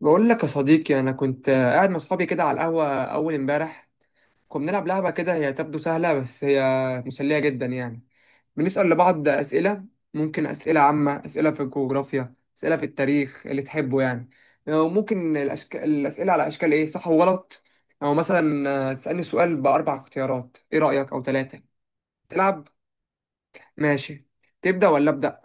بقول لك يا صديقي، انا كنت قاعد مع اصحابي كده على القهوه اول امبارح. كنا بنلعب لعبه كده، هي تبدو سهله بس هي مسليه جدا يعني. بنسال لبعض اسئله، ممكن اسئله عامه، اسئله في الجغرافيا، اسئله في التاريخ اللي تحبه يعني. وممكن الاسئله على اشكال ايه، صح وغلط، او مثلا تسالني سؤال باربع اختيارات، ايه رايك، او ثلاثه تلعب. ماشي، تبدا ولا ابدا؟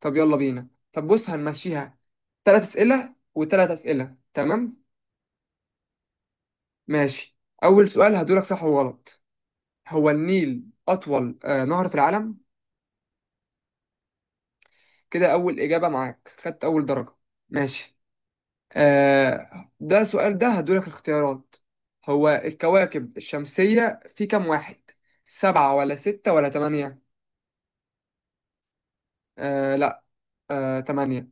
طب يلا بينا، طب بص، هنمشيها ثلاث اسئله وثلاث اسئله، تمام؟ ماشي. أول سؤال هدولك صح وغلط. هو النيل أطول نهر في العالم؟ كده أول إجابة معاك، خدت أول درجة. ماشي. ده سؤال ده هدولك اختيارات. هو الكواكب الشمسية في كام واحد؟ سبعة ولا ستة ولا تمانية؟ آه، لا. آه، تمانية.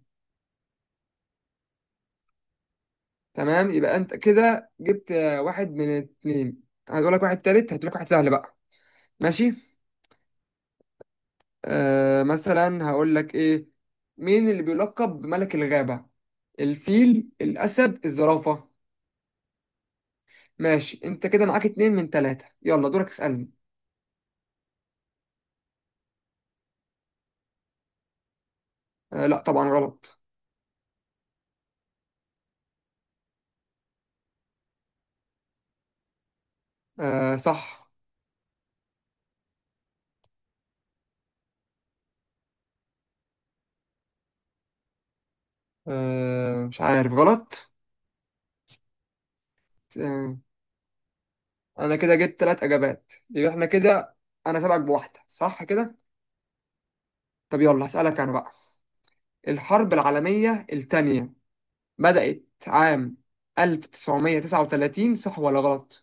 تمام، يبقى أنت كده جبت واحد من اتنين. هدولك واحد تالت، هدولك واحد سهل بقى. ماشي. مثلا هقول لك ايه، مين اللي بيلقب بملك الغابة؟ الفيل، الأسد، الزرافة؟ ماشي، انت كده معاك اتنين من تلاتة. يلا دورك، اسألني. آه لا، طبعا غلط. آه صح. آه، مش عارف، غلط. آه، انا كده جبت تلات اجابات، يبقى احنا كده انا سابقك بواحدة صح كده. طب يلا هسألك انا بقى. الحرب العالمية التانية بدأت عام 1939، صح ولا غلط؟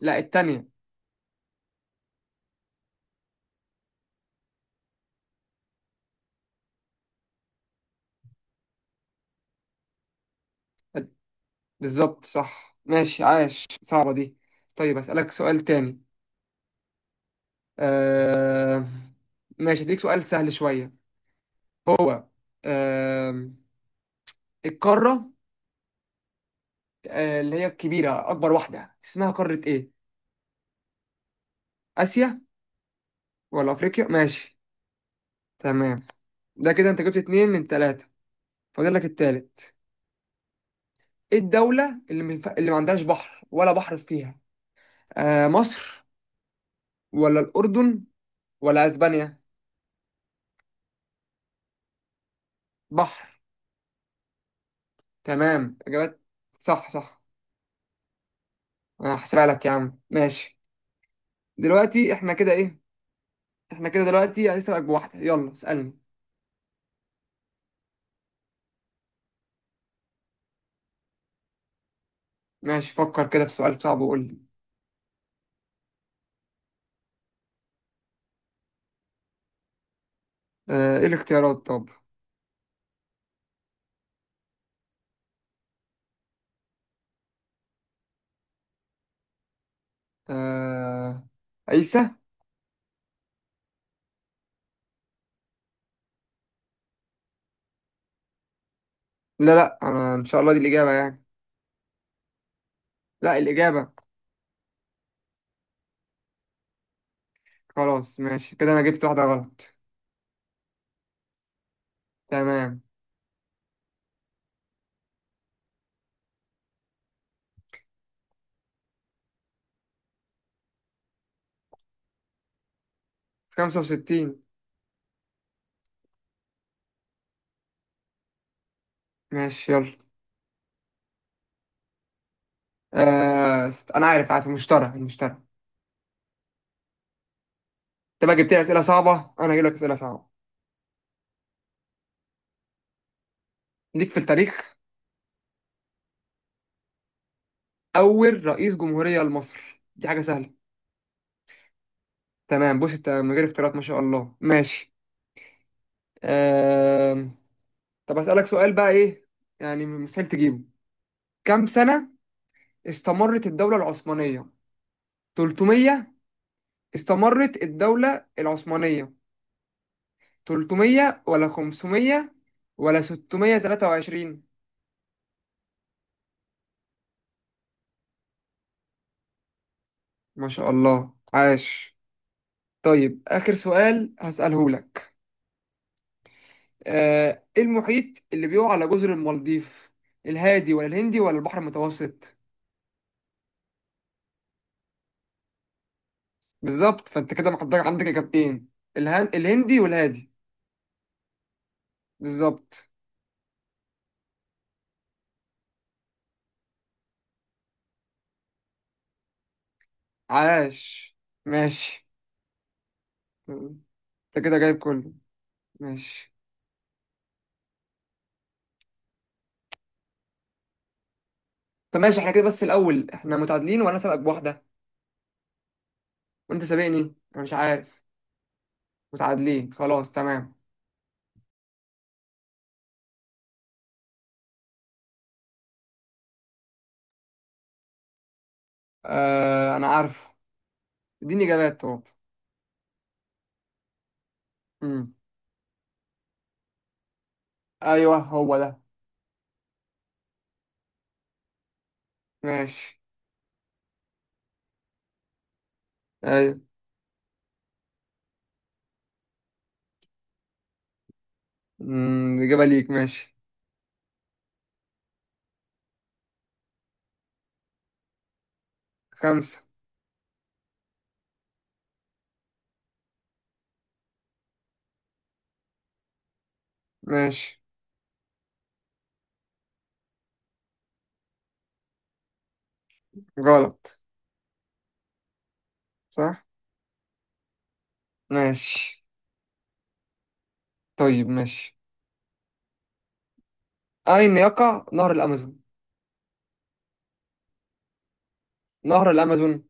لا، التانية. بالظبط صح، ماشي، عاش، صعبة دي. طيب أسألك سؤال تاني. آه... ماشي، أديك سؤال سهل شوية. هو آه... القارة، اللي هي الكبيرة، أكبر واحدة اسمها قارة إيه؟ آسيا ولا أفريقيا؟ ماشي، تمام. ده كده أنت جبت اتنين من تلاتة، فاضل لك التالت. إيه الدولة اللي ما اللي ما عندهاش بحر ولا بحر فيها؟ مصر ولا الأردن ولا أسبانيا؟ بحر. تمام، إجابات صح صح. انا هحسبها لك يا عم، ماشي. دلوقتي احنا كده ايه، احنا كده دلوقتي يعني لسه بقى بواحده. يلا اسالني. ماشي، فكر كده في سؤال صعب وقول لي. آه، ايه الاختيارات طب؟ آه، عيسى. لا لا، انا ان شاء الله دي الاجابه يعني. لا، الاجابه. خلاص، ماشي، كده انا جبت واحده غلط. تمام، 65. ماشي يلا. انا عارف المشترى المشترى. انت بقى جبت لي اسئله صعبه، انا هجيب لك اسئله صعبه ليك في التاريخ. اول رئيس جمهوريه لمصر، دي حاجه سهله. تمام، بص انت من غير اختيارات، ما شاء الله. ماشي. آم، طب اسألك سؤال بقى ايه، يعني مستحيل تجيبه. كم سنة استمرت الدولة العثمانية؟ 300. استمرت الدولة العثمانية 300 ولا 500 ولا 623؟ ما شاء الله عاش. طيب آخر سؤال هسأله لك. ايه المحيط اللي بيقع على جزر المالديف؟ الهادي ولا الهندي ولا البحر المتوسط؟ بالظبط، فانت كده محضر عندك اجابتين. الهندي والهادي. بالظبط. عاش، ماشي، انت كده جايب كله. ماشي. طب ماشي احنا كده، بس الاول احنا متعادلين وانا سابقك بواحده، وانت سابقني، انا مش عارف. متعادلين، خلاص تمام. آه انا عارف، اديني اجابات طب. مم. ايوه هو ده. ماشي. ايوه. مم، اجابه ليك، ماشي. خمسه. ماشي. غلط. صح. ماشي. طيب ماشي. اين يقع نهر الامازون؟ نهر الأمازون؟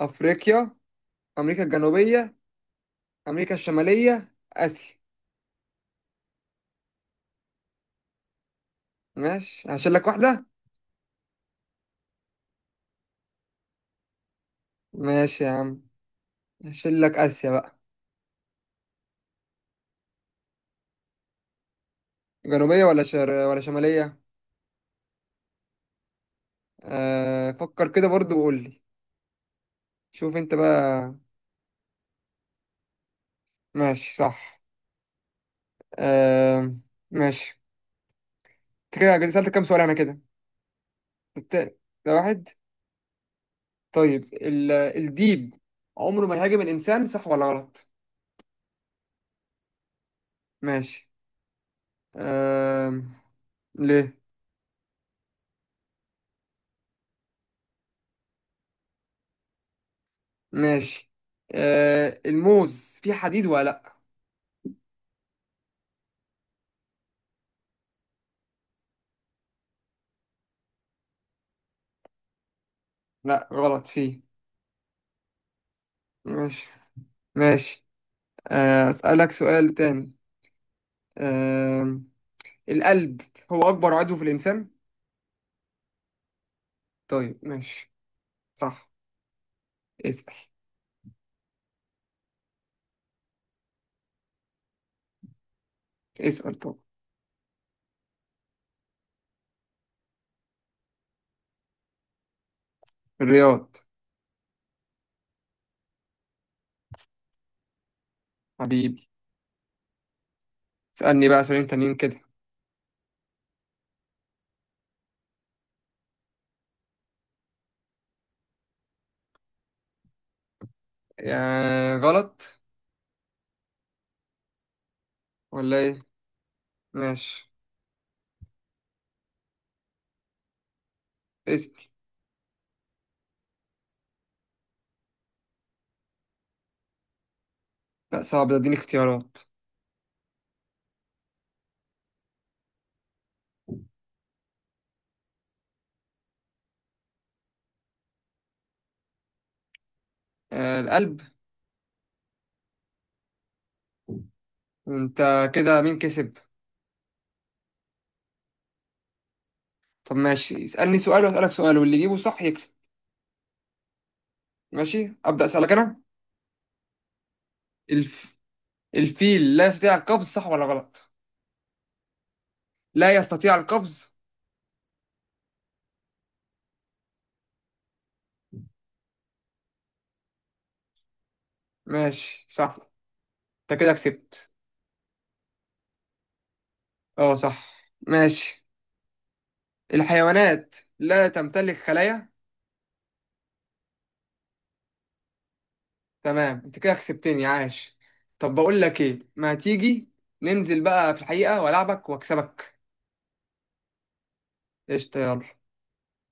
أفريقيا، أمريكا الجنوبية، أمريكا الشمالية، آسيا. ماشي، هشيل لك واحدة. ماشي يا عم، هشيل لك آسيا بقى. جنوبية ولا ولا شمالية؟ فكر كده برضو وقول لي، شوف أنت بقى. ماشي، صح. آه... ماشي. أنت كده سألت كام سؤال، أنا كده الت- ده واحد. طيب الديب عمره ما يهاجم الإنسان، صح ولا غلط؟ ماشي. آه... ليه؟ ماشي. آه، الموز فيه حديد ولا لا؟ لا غلط، فيه. ماشي. ماشي. اسألك سؤال تاني. آه، القلب هو اكبر عضو في الانسان. طيب ماشي، صح. اسأل. اسأل طب. الرياض. حبيبي. اسألني بقى سؤالين تانيين كده. آه غلط. ولا ايه؟ ماشي. اسأل. لا صعب ده، اديني اختيارات. آه، القلب. انت كده مين كسب؟ طب ماشي، اسألني سؤال واسألك سؤال، واللي يجيبه صح يكسب. ماشي، أبدأ أسألك أنا. الف... الفيل لا يستطيع القفز، صح ولا غلط؟ لا يستطيع القفز. ماشي، صح، انت كده كسبت. اه صح، ماشي. الحيوانات لا تمتلك خلايا. تمام، انت كده كسبتني، عاش. طب بقول لك ايه، ما تيجي ننزل بقى في الحقيقة والعبك واكسبك. قشطة، يلا